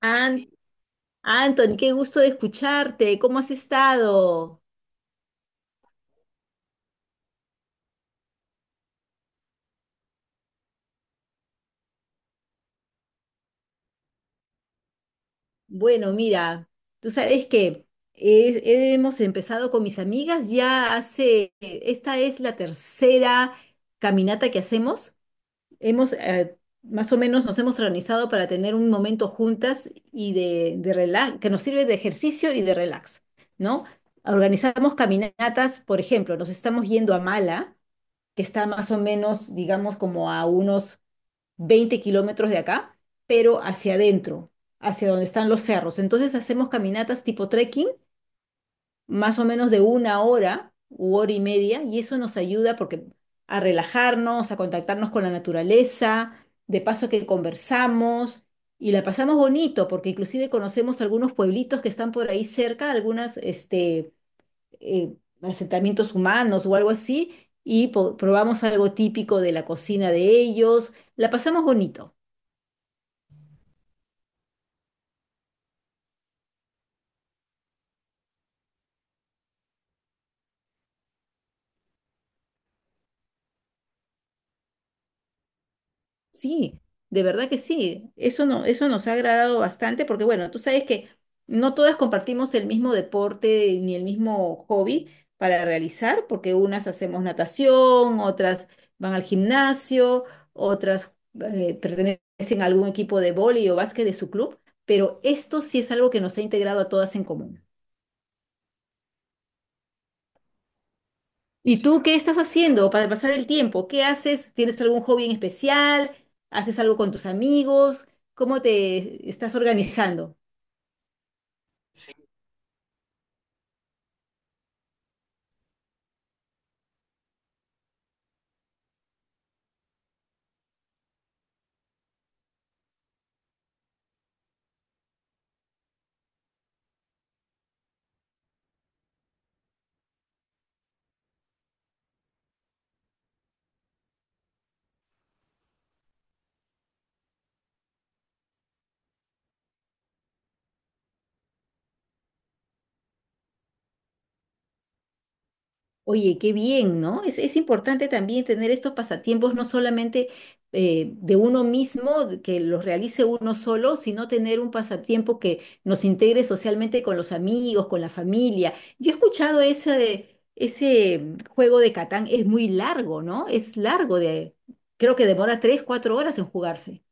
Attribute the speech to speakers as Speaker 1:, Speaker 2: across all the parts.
Speaker 1: An- Anthony, qué gusto de escucharte. ¿Cómo has estado? Bueno, mira, tú sabes que hemos empezado con mis amigas ya hace, esta es la tercera caminata que hacemos. Hemos, más o menos nos hemos organizado para tener un momento juntas y de relax, que nos sirve de ejercicio y de relax, ¿no? Organizamos caminatas, por ejemplo, nos estamos yendo a Mala, que está más o menos, digamos, como a unos 20 km de acá, pero hacia adentro, hacia donde están los cerros. Entonces hacemos caminatas tipo trekking, más o menos de una hora u hora y media, y eso nos ayuda porque a relajarnos, a contactarnos con la naturaleza, de paso que conversamos y la pasamos bonito, porque inclusive conocemos algunos pueblitos que están por ahí cerca, algunas, este, eh, asentamientos humanos o algo así, y probamos algo típico de la cocina de ellos. La pasamos bonito. Sí, de verdad que sí. Eso no, eso nos ha agradado bastante porque, bueno, tú sabes que no todas compartimos el mismo deporte ni el mismo hobby para realizar, porque unas hacemos natación, otras van al gimnasio, otras pertenecen a algún equipo de vóley o básquet de su club, pero esto sí es algo que nos ha integrado a todas en común. ¿Y tú qué estás haciendo para pasar el tiempo? ¿Qué haces? ¿Tienes algún hobby en especial? ¿Haces algo con tus amigos? ¿Cómo te estás organizando? Oye, qué bien, ¿no? Es importante también tener estos pasatiempos, no solamente de uno mismo, de que los realice uno solo, sino tener un pasatiempo que nos integre socialmente con los amigos, con la familia. Yo he escuchado ese, ese juego de Catán, es muy largo, ¿no? Es largo de, creo que demora 3, 4 horas en jugarse.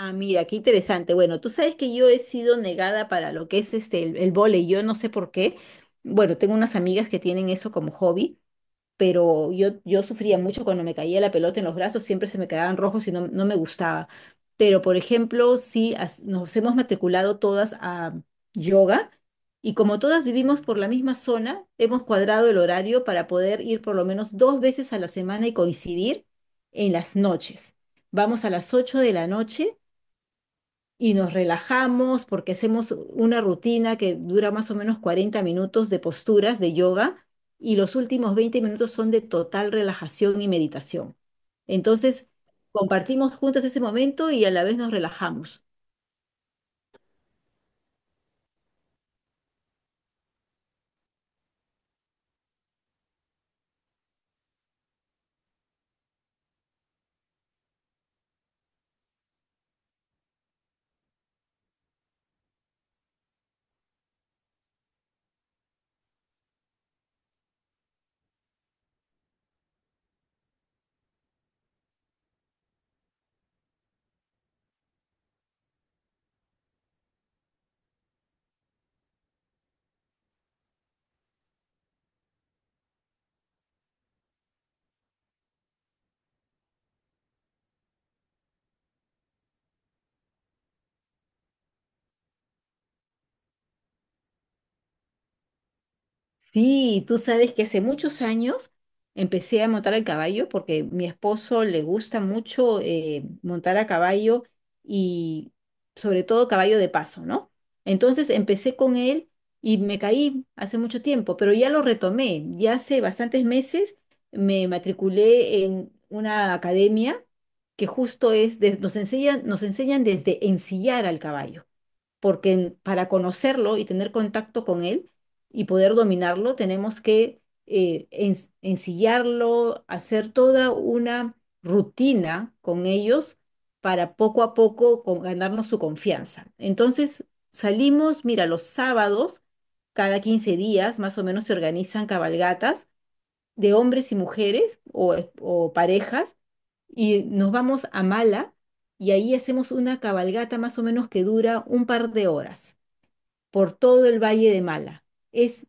Speaker 1: Ah, mira, qué interesante. Bueno, tú sabes que yo he sido negada para lo que es este, el vóley, yo no sé por qué. Bueno, tengo unas amigas que tienen eso como hobby, pero yo sufría mucho cuando me caía la pelota en los brazos, siempre se me quedaban rojos y no, no me gustaba. Pero, por ejemplo, sí, nos hemos matriculado todas a yoga y como todas vivimos por la misma zona, hemos cuadrado el horario para poder ir por lo menos dos veces a la semana y coincidir en las noches. Vamos a las 8 de la noche y nos relajamos porque hacemos una rutina que dura más o menos 40 minutos de posturas de yoga y los últimos 20 minutos son de total relajación y meditación. Entonces, compartimos juntas ese momento y a la vez nos relajamos. Sí, tú sabes que hace muchos años empecé a montar a caballo porque mi esposo le gusta mucho montar a caballo y sobre todo caballo de paso, ¿no? Entonces empecé con él y me caí hace mucho tiempo, pero ya lo retomé. Ya hace bastantes meses me matriculé en una academia que justo es, nos enseñan, desde ensillar al caballo porque para conocerlo y tener contacto con él y poder dominarlo, tenemos que ensillarlo, hacer toda una rutina con ellos para poco a poco ganarnos su confianza. Entonces, salimos, mira, los sábados, cada 15 días más o menos se organizan cabalgatas de hombres y mujeres o parejas y nos vamos a Mala y ahí hacemos una cabalgata más o menos que dura un par de horas por todo el Valle de Mala. Es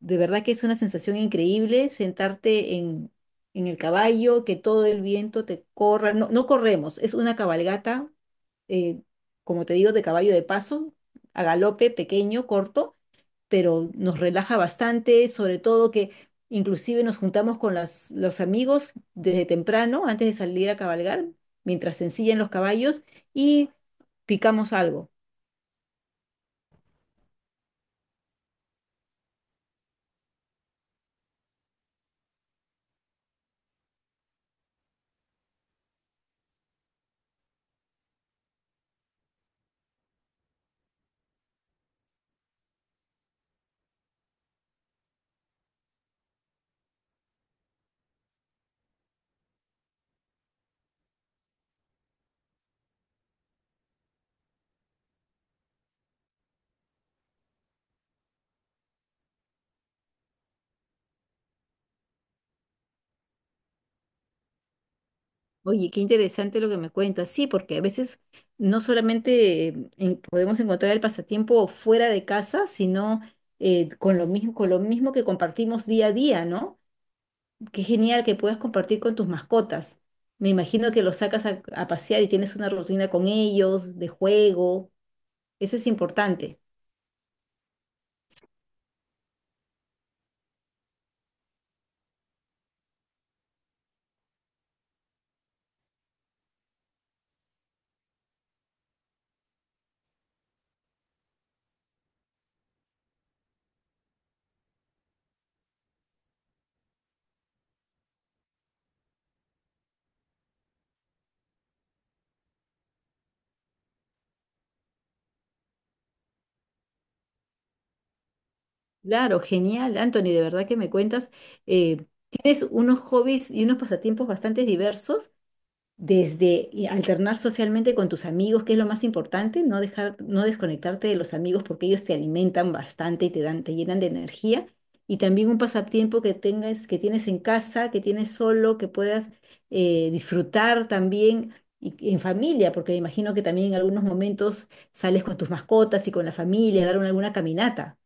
Speaker 1: de verdad que es una sensación increíble sentarte en el caballo, que todo el viento te corra. No, no corremos, es una cabalgata, eh, como te digo, de caballo de paso, a galope, pequeño, corto, pero nos relaja bastante, sobre todo que inclusive nos juntamos con los amigos desde temprano, antes de salir a cabalgar, mientras se ensillan los caballos y picamos algo. Oye, qué interesante lo que me cuentas. Sí, porque a veces no solamente podemos encontrar el pasatiempo fuera de casa, sino con lo mismo que compartimos día a día, ¿no? Qué genial que puedas compartir con tus mascotas. Me imagino que los sacas a pasear y tienes una rutina con ellos, de juego. Eso es importante. Claro, genial, Anthony, de verdad que me cuentas. eh, tienes unos hobbies y unos pasatiempos bastante diversos desde y alternar socialmente con tus amigos, que es lo más importante, no dejar, no desconectarte de los amigos porque ellos te alimentan bastante y te dan, te llenan de energía. Y también un pasatiempo que tengas, que tienes en casa, que tienes solo, que puedas disfrutar también y en familia, porque me imagino que también en algunos momentos sales con tus mascotas y con la familia, a dar alguna caminata.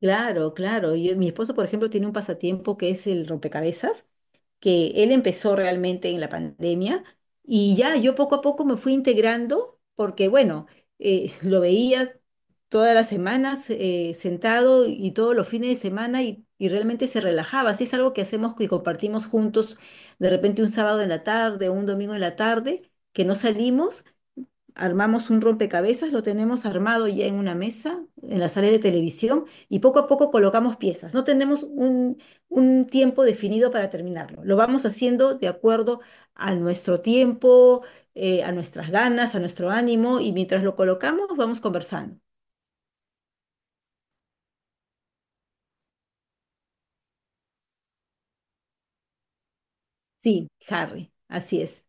Speaker 1: Claro, claro. Mi esposo, por ejemplo, tiene un pasatiempo que es el rompecabezas, que él empezó realmente en la pandemia y ya yo poco a poco me fui integrando porque, bueno, lo veía todas las semanas, sentado y todos los fines de semana y realmente se relajaba. Así es algo que hacemos y compartimos juntos de repente un sábado en la tarde, un domingo en la tarde, que no salimos armamos un rompecabezas, lo tenemos armado ya en una mesa, en la sala de televisión, y poco a poco colocamos piezas. No tenemos un tiempo definido para terminarlo. Lo vamos haciendo de acuerdo a nuestro tiempo, a nuestras ganas, a nuestro ánimo, y mientras lo colocamos, vamos conversando. Sí, Harry, así es.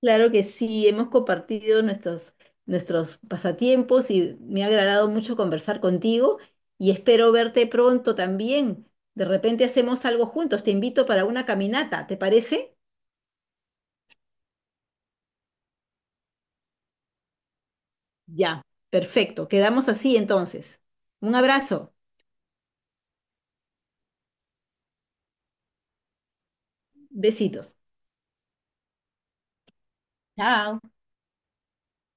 Speaker 1: Claro que sí, hemos compartido nuestros pasatiempos y me ha agradado mucho conversar contigo y espero verte pronto también. De repente hacemos algo juntos, te invito para una caminata, ¿te parece? Ya, perfecto, quedamos así entonces. Un abrazo, besitos. Chao.